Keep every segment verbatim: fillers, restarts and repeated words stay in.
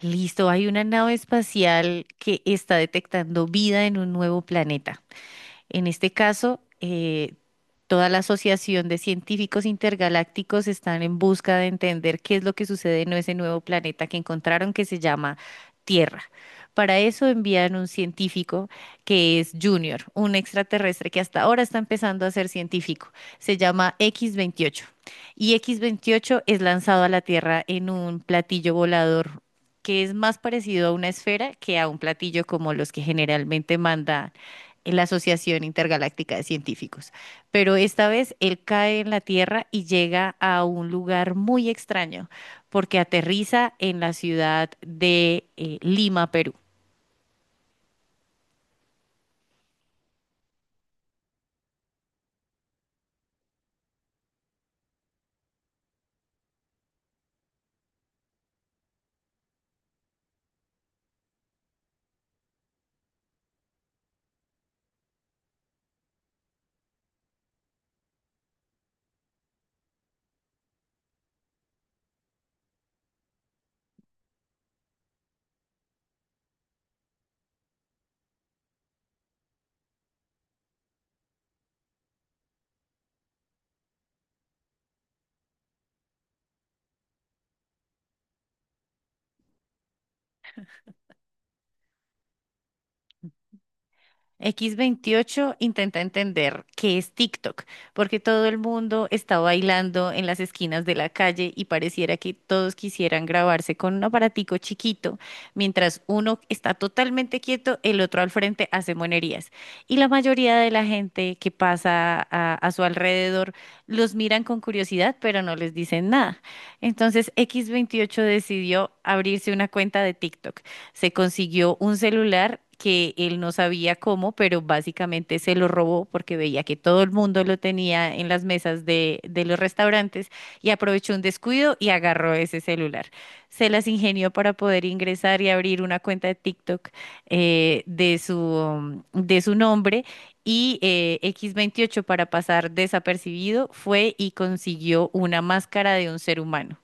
Listo, hay una nave espacial que está detectando vida en un nuevo planeta. En este caso, eh, toda la Asociación de Científicos Intergalácticos están en busca de entender qué es lo que sucede en ese nuevo planeta que encontraron que se llama Tierra. Para eso envían un científico que es Junior, un extraterrestre que hasta ahora está empezando a ser científico. Se llama equis veintiocho. Y equis veintiocho es lanzado a la Tierra en un platillo volador que es más parecido a una esfera que a un platillo como los que generalmente manda en la Asociación Intergaláctica de Científicos. Pero esta vez él cae en la Tierra y llega a un lugar muy extraño, porque aterriza en la ciudad de eh, Lima, Perú. equis veintiocho intenta entender qué es TikTok, porque todo el mundo está bailando en las esquinas de la calle y pareciera que todos quisieran grabarse con un aparatico chiquito, mientras uno está totalmente quieto, el otro al frente hace monerías. Y la mayoría de la gente que pasa a, a su alrededor los miran con curiosidad, pero no les dicen nada. Entonces equis veintiocho decidió abrirse una cuenta de TikTok. Se consiguió un celular que él no sabía cómo, pero básicamente se lo robó porque veía que todo el mundo lo tenía en las mesas de, de los restaurantes y aprovechó un descuido y agarró ese celular. Se las ingenió para poder ingresar y abrir una cuenta de TikTok, eh, de su, um, de su nombre. Y eh, equis veintiocho, para pasar desapercibido, fue y consiguió una máscara de un ser humano.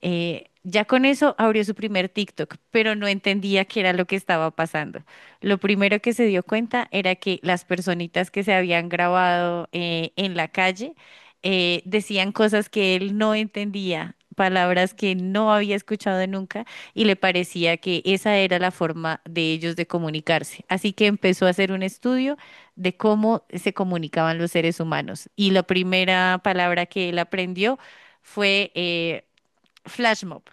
Eh, ya con eso abrió su primer TikTok, pero no entendía qué era lo que estaba pasando. Lo primero que se dio cuenta era que las personitas que se habían grabado eh, en la calle eh, decían cosas que él no entendía, palabras que no había escuchado nunca, y le parecía que esa era la forma de ellos de comunicarse. Así que empezó a hacer un estudio de cómo se comunicaban los seres humanos. Y la primera palabra que él aprendió fue eh, Flash Mob.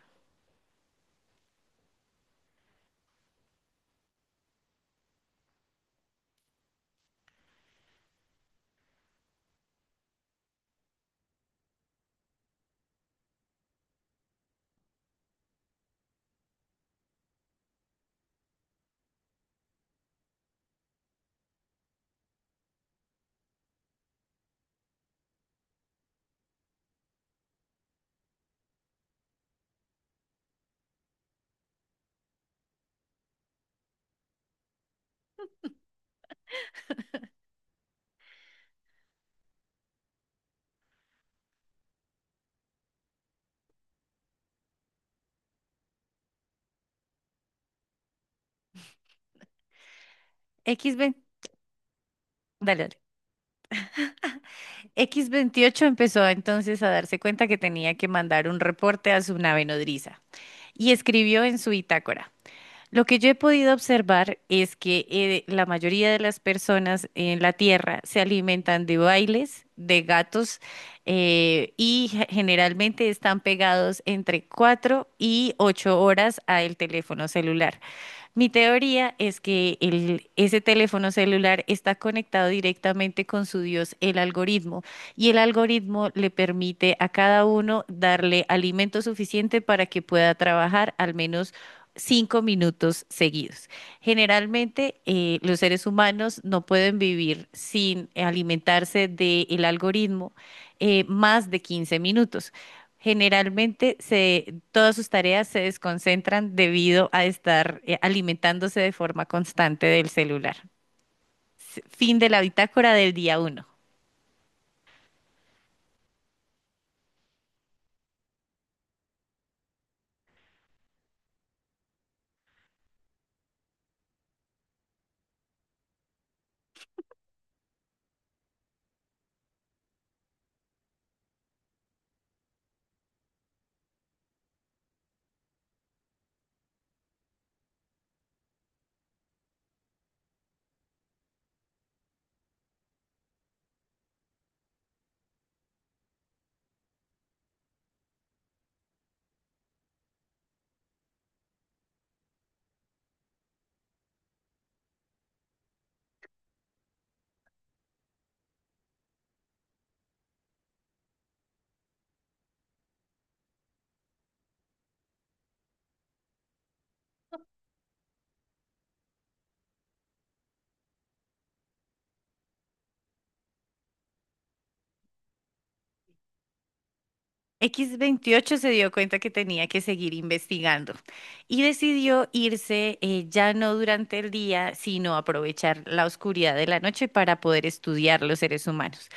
equis veinte, dale, dale. equis veintiocho empezó entonces a darse cuenta que tenía que mandar un reporte a su nave nodriza y escribió en su bitácora. Lo que yo he podido observar es que eh, la mayoría de las personas en la Tierra se alimentan de bailes, de gatos, eh, y ge- generalmente están pegados entre cuatro y ocho horas al teléfono celular. Mi teoría es que el, ese teléfono celular está conectado directamente con su Dios, el algoritmo, y el algoritmo le permite a cada uno darle alimento suficiente para que pueda trabajar al menos cinco minutos seguidos. Generalmente, eh, los seres humanos no pueden vivir sin alimentarse del algoritmo eh, más de quince minutos. Generalmente, se, todas sus tareas se desconcentran debido a estar eh, alimentándose de forma constante del celular. S- Fin de la bitácora del día uno. equis veintiocho se dio cuenta que tenía que seguir investigando y decidió irse, eh, ya no durante el día, sino aprovechar la oscuridad de la noche para poder estudiar los seres humanos.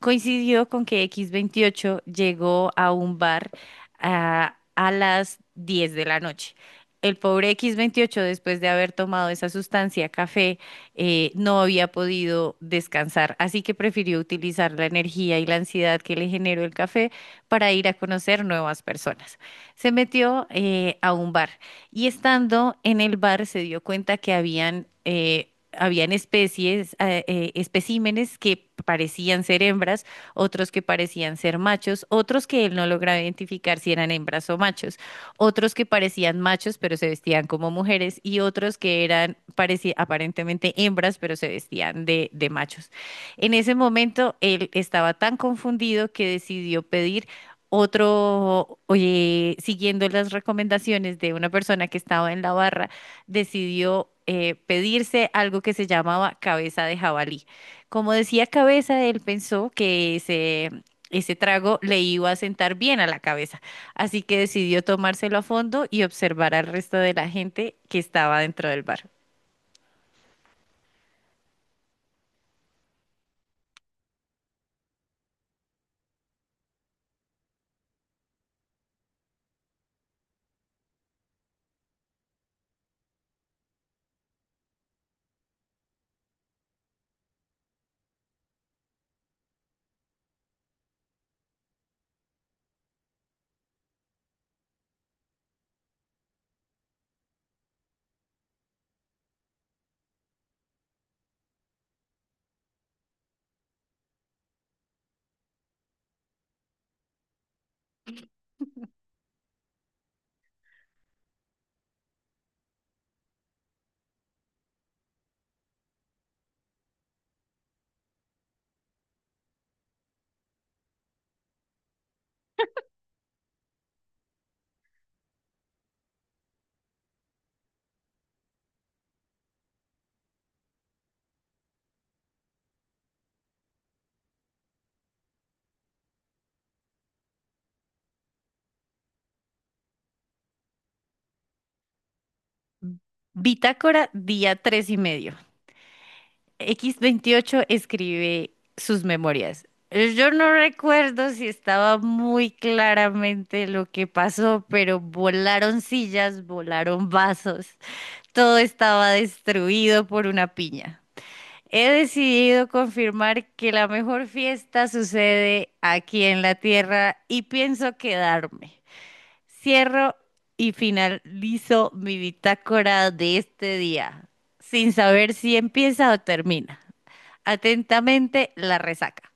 Coincidió con que equis veintiocho llegó a un bar ah, a, las diez de la noche. El pobre equis veintiocho, después de haber tomado esa sustancia, café, eh, no había podido descansar, así que prefirió utilizar la energía y la ansiedad que le generó el café para ir a conocer nuevas personas. Se metió, eh, a un bar, y estando en el bar se dio cuenta que habían, eh, habían especies, eh, eh, especímenes que parecían ser hembras, otros que parecían ser machos, otros que él no lograba identificar si eran hembras o machos, otros que parecían machos pero se vestían como mujeres, y otros que eran, parecía, aparentemente hembras, pero se vestían de de machos. En ese momento él estaba tan confundido que decidió pedir otro. Oye, siguiendo las recomendaciones de una persona que estaba en la barra, decidió, eh, pedirse algo que se llamaba cabeza de jabalí. Como decía cabeza, él pensó que ese, ese trago le iba a sentar bien a la cabeza, así que decidió tomárselo a fondo y observar al resto de la gente que estaba dentro del bar. Bitácora, día tres y medio. equis veintiocho escribe sus memorias. Eh, Yo no recuerdo si estaba muy claramente lo que pasó, pero volaron sillas, volaron vasos, todo estaba destruido por una piña. He decidido confirmar que la mejor fiesta sucede aquí en la Tierra y pienso quedarme. Cierro y finalizo mi bitácora de este día, sin saber si empieza o termina. Atentamente, la resaca.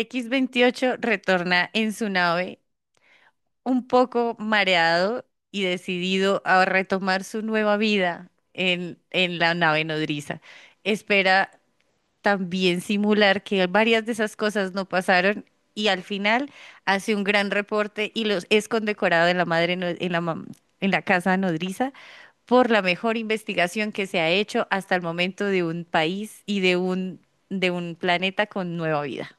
equis veintiocho retorna en su nave, un poco mareado y decidido a retomar su nueva vida en, en la nave nodriza. Espera también simular que varias de esas cosas no pasaron, y al final hace un gran reporte y los es condecorado en la madre no- en la mam- en la casa nodriza por la mejor investigación que se ha hecho hasta el momento de un país y de un de un planeta con nueva vida.